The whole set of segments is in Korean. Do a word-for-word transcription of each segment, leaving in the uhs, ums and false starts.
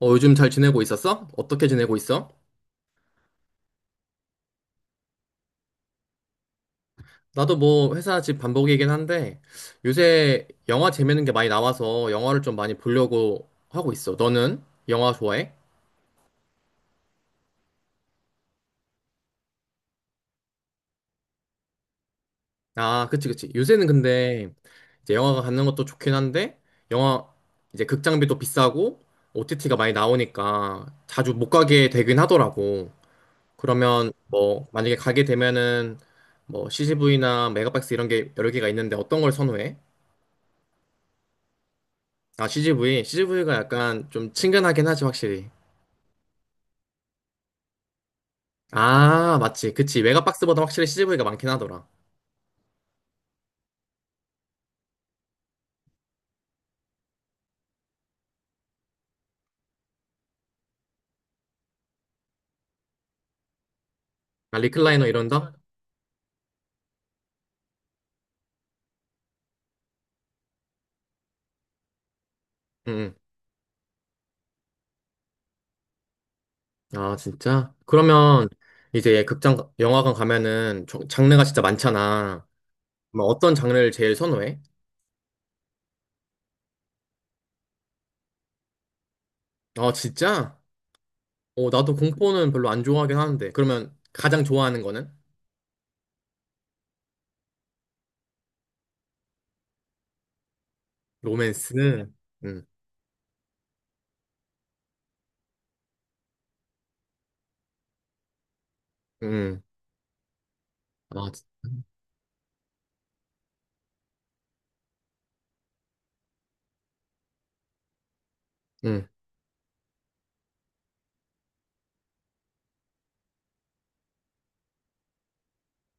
어, 요즘 잘 지내고 있었어? 어떻게 지내고 있어? 나도 뭐 회사 집 반복이긴 한데 요새 영화 재밌는 게 많이 나와서 영화를 좀 많이 보려고 하고 있어. 너는 영화 좋아해? 아, 그치, 그치. 요새는 근데 이제 영화가 갖는 것도 좋긴 한데 영화 이제 극장비도 비싸고 오티티가 많이 나오니까 자주 못 가게 되긴 하더라고. 그러면 뭐 만약에 가게 되면은 뭐 씨지비나 메가박스 이런 게 여러 개가 있는데 어떤 걸 선호해? 아, 씨지비. 씨지비가 약간 좀 친근하긴 하지, 확실히. 아, 맞지. 그치. 메가박스보다 확실히 씨지비가 많긴 하더라. 아, 리클라이너 이런다? 응. 응. 아, 진짜? 그러면 이제 극장, 영화관 가면은 저- 장르가 진짜 많잖아. 뭐 어떤 장르를 제일 선호해? 아, 진짜? 어, 나도 공포는 별로 안 좋아하긴 하는데. 그러면 가장 좋아하는 거는? 로맨스. 응. 응. 아, 진- 응.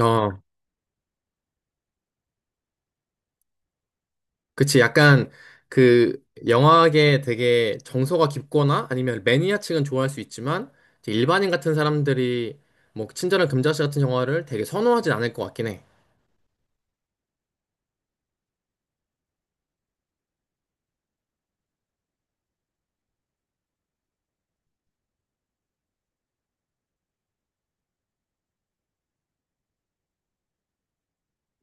어. 그치, 약간 그 영화계 되게 정서가 깊거나 아니면 매니아층은 좋아할 수 있지만 이제 일반인 같은 사람들이 뭐 친절한 금자씨 같은 영화를 되게 선호하진 않을 것 같긴 해.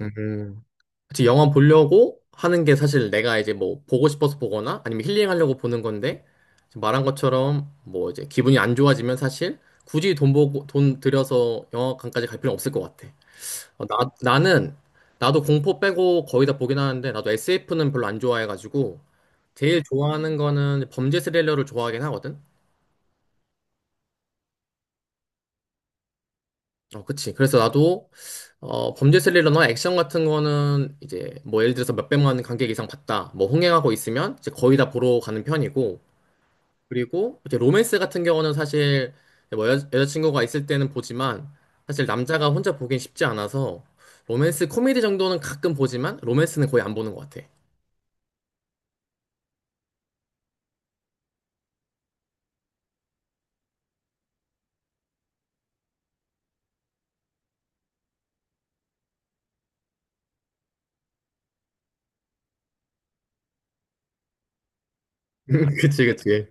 음. 그치, 영화 보려고 하는 게 사실 내가 이제 뭐 보고 싶어서 보거나 아니면 힐링하려고 보는 건데 지금 말한 것처럼 뭐 이제 기분이 안 좋아지면 사실 굳이 돈 보고 돈 들여서 영화관까지 갈 필요는 없을 것 같아. 어, 나, 나는 나도 공포 빼고 거의 다 보긴 하는데 나도 에스에프는 별로 안 좋아해가지고 제일 좋아하는 거는 범죄 스릴러를 좋아하긴 하거든. 어, 그치. 그래서 나도, 어, 범죄 스릴러나 액션 같은 거는 이제 뭐 예를 들어서 몇백만 관객 이상 봤다. 뭐 흥행하고 있으면 이제 거의 다 보러 가는 편이고. 그리고 이제 로맨스 같은 경우는 사실 뭐 여, 여자친구가 있을 때는 보지만 사실 남자가 혼자 보긴 쉽지 않아서 로맨스 코미디 정도는 가끔 보지만 로맨스는 거의 안 보는 것 같아. 그치, 그치.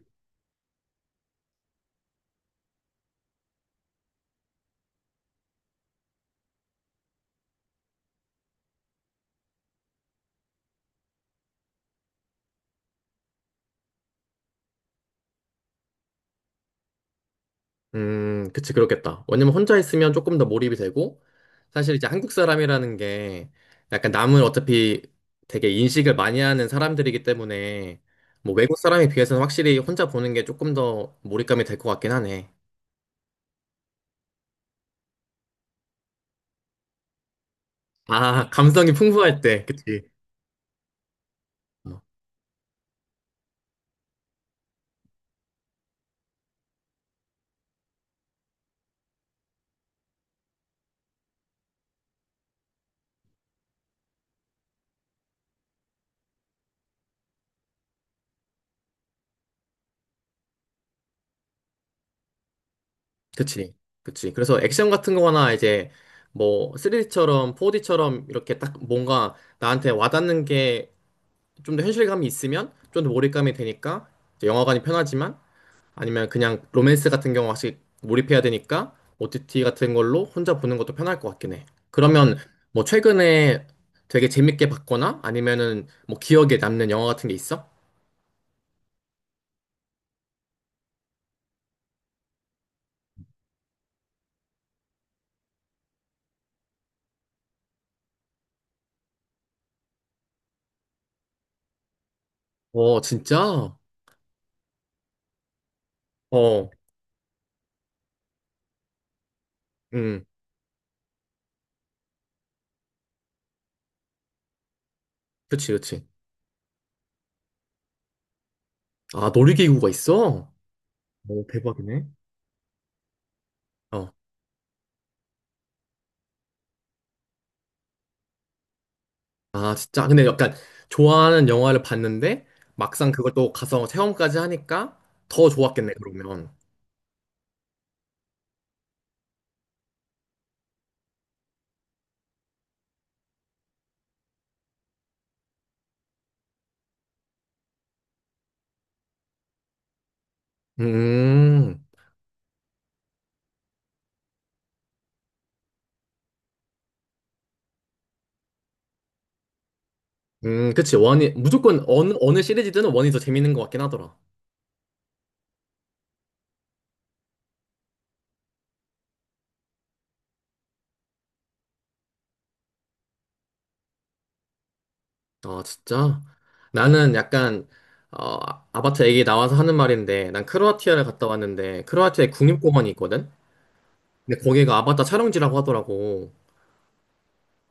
음, 그치, 그렇겠다. 왜냐면 혼자 있으면 조금 더 몰입이 되고, 사실 이제 한국 사람이라는 게 약간 남을 어차피 되게 인식을 많이 하는 사람들이기 때문에, 뭐 외국 사람에 비해서는 확실히 혼자 보는 게 조금 더 몰입감이 될 것 같긴 하네. 아, 감성이 풍부할 때, 그치. 어, 그치, 그치. 그래서 액션 같은 거나 이제 뭐 쓰리디처럼 포디처럼 이렇게 딱 뭔가 나한테 와닿는 게 좀 더 현실감이 있으면 좀 더 몰입감이 되니까 이제 영화관이 편하지만, 아니면 그냥 로맨스 같은 경우 확실히 몰입해야 되니까 오티티 같은 걸로 혼자 보는 것도 편할 것 같긴 해. 그러면 뭐 최근에 되게 재밌게 봤거나 아니면은 뭐 기억에 남는 영화 같은 게 있어? 어, 진짜? 어, 음, 그치, 그치. 아, 놀이기구가 있어? 오, 대박이네. 어. 아, 진짜? 근데 약간 좋아하는 영화를 봤는데 막상 그걸 또 가서 체험까지 하니까 더 좋았겠네, 그러면. 음. 음, 그치. 원이, 무조건 어느, 어느 시리즈든 원이 더 재밌는 것 같긴 하더라. 아, 진짜? 나는 약간, 어, 아바타 얘기 나와서 하는 말인데, 난 크로아티아를 갔다 왔는데, 크로아티아에 국립공원이 있거든? 근데 거기가 아바타 촬영지라고 하더라고.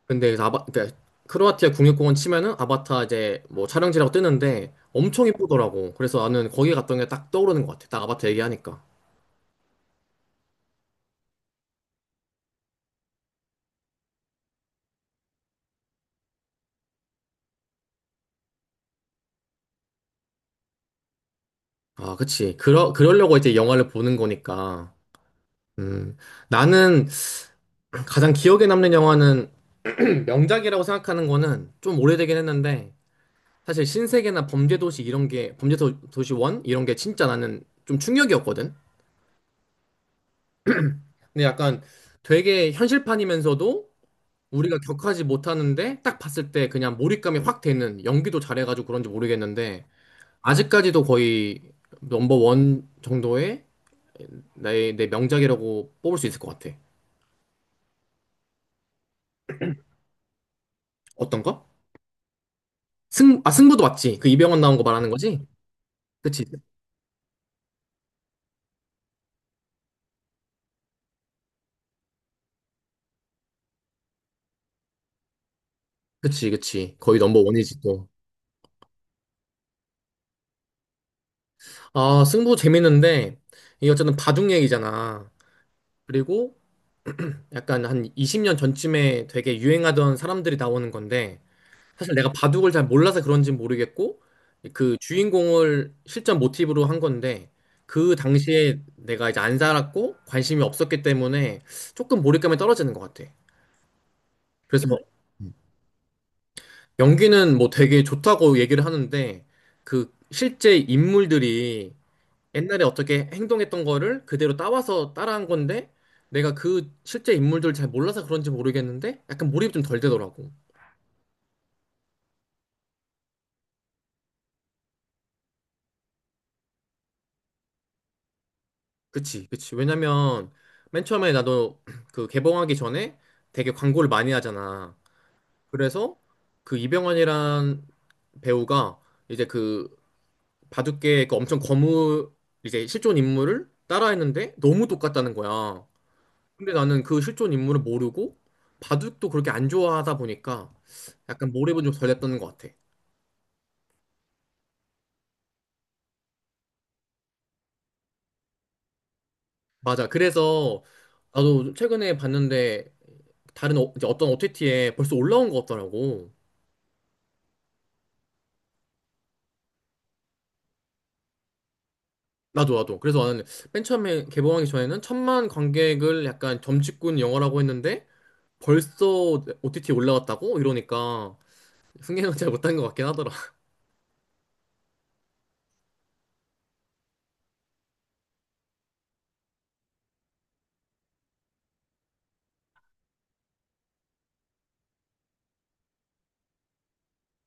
근데 그래서 아바, 그러니까 크로아티아 국립공원 치면은 아바타 이제 뭐 촬영지라고 뜨는데, 엄청 이쁘더라고. 그래서 나는 거기 갔던 게 딱 떠오르는 것 같아. 딱 아바타 얘기하니까. 아, 그치. 그러, 그러려고 이제 영화를 보는 거니까. 음, 나는 가장 기억에 남는 영화는 명작이라고 생각하는 거는 좀 오래되긴 했는데 사실 신세계나 범죄도시 이런 게 범죄도시 원 이런 게 진짜 나는 좀 충격이었거든. 근데 약간 되게 현실판이면서도 우리가 격하지 못하는데 딱 봤을 때 그냥 몰입감이 확 되는 연기도 잘해가지고 그런지 모르겠는데 아직까지도 거의 넘버 원 정도의 내, 내 명작이라고 뽑을 수 있을 것 같아. 어떤 거? 승, 아, 승부도 맞지? 그 이병헌 나온 거 말하는 거지? 그치, 그치, 그치. 거의 넘버 원이지 또. 아, 승부 재밌는데, 이게 어쨌든 바둑 얘기잖아. 그리고 약간 한 이십 년 전쯤에 되게 유행하던 사람들이 나오는 건데, 사실 내가 바둑을 잘 몰라서 그런지 모르겠고, 그 주인공을 실전 모티브로 한 건데, 그 당시에 내가 이제 안 살았고, 관심이 없었기 때문에 조금 몰입감이 떨어지는 것 같아. 그래서 뭐 연기는 뭐 되게 좋다고 얘기를 하는데, 그 실제 인물들이 옛날에 어떻게 행동했던 거를 그대로 따와서 따라한 건데 내가 그 실제 인물들 잘 몰라서 그런지 모르겠는데 약간 몰입이 좀 덜 되더라고. 그치, 그치. 왜냐면 맨 처음에 나도 그 개봉하기 전에 되게 광고를 많이 하잖아. 그래서 그 이병헌이란 배우가 이제 그 바둑계 그 엄청 거무 이제 실존 인물을 따라했는데 너무 똑같다는 거야. 근데 나는 그 실존 인물을 모르고 바둑도 그렇게 안 좋아하다 보니까 약간 몰입은 좀 덜 했던 것 같아. 맞아. 그래서 나도 최근에 봤는데 다른 어, 이제 어떤 오티티에 벌써 올라온 것 같더라고. 나도 나도. 그래서 나는 맨 처음에 개봉하기 전에는 천만 관객을 약간 점집꾼 영화라고 했는데 벌써 오티티에 올라왔다고 이러니까 승계는 잘 못한 것 같긴 하더라.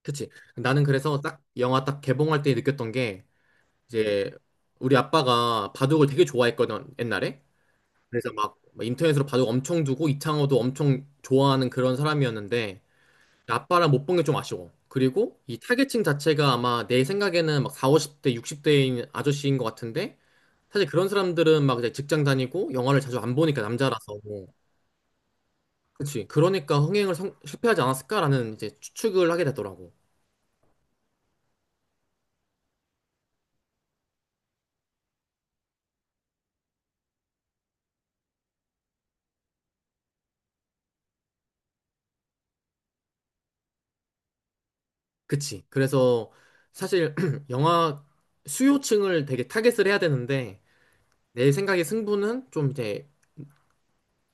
그치. 나는 그래서 딱 영화 딱 개봉할 때 느꼈던 게 이제 우리 아빠가 바둑을 되게 좋아했거든 옛날에 그래서 막막 인터넷으로 바둑 엄청 두고 이창호도 엄청 좋아하는 그런 사람이었는데 아빠랑 못 본 게 좀 아쉬워. 그리고 이 타겟층 자체가 아마 내 생각에는 막 사십, 오십 대 육십 대인 아저씨인 것 같은데 사실 그런 사람들은 막 이제 직장 다니고 영화를 자주 안 보니까 남자라서 뭐 그치. 그러니까 흥행을 성- 실패하지 않았을까라는 이제 추측을 하게 되더라고. 그치. 그래서 사실 영화 수요층을 되게 타겟을 해야 되는데 내 생각에 승부는 좀 이제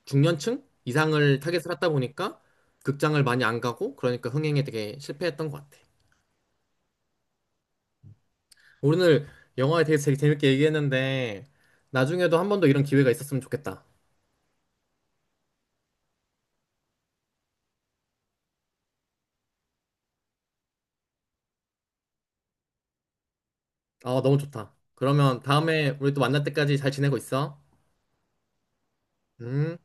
중년층 이상을 타겟을 하다 보니까 극장을 많이 안 가고 그러니까 흥행에 되게 실패했던 것 같아. 오늘 영화에 대해서 되게 재밌게 얘기했는데 나중에도 한 번 더 이런 기회가 있었으면 좋겠다. 아, 너무 좋다. 그러면 다음에 우리 또 만날 때까지 잘 지내고 있어. 음.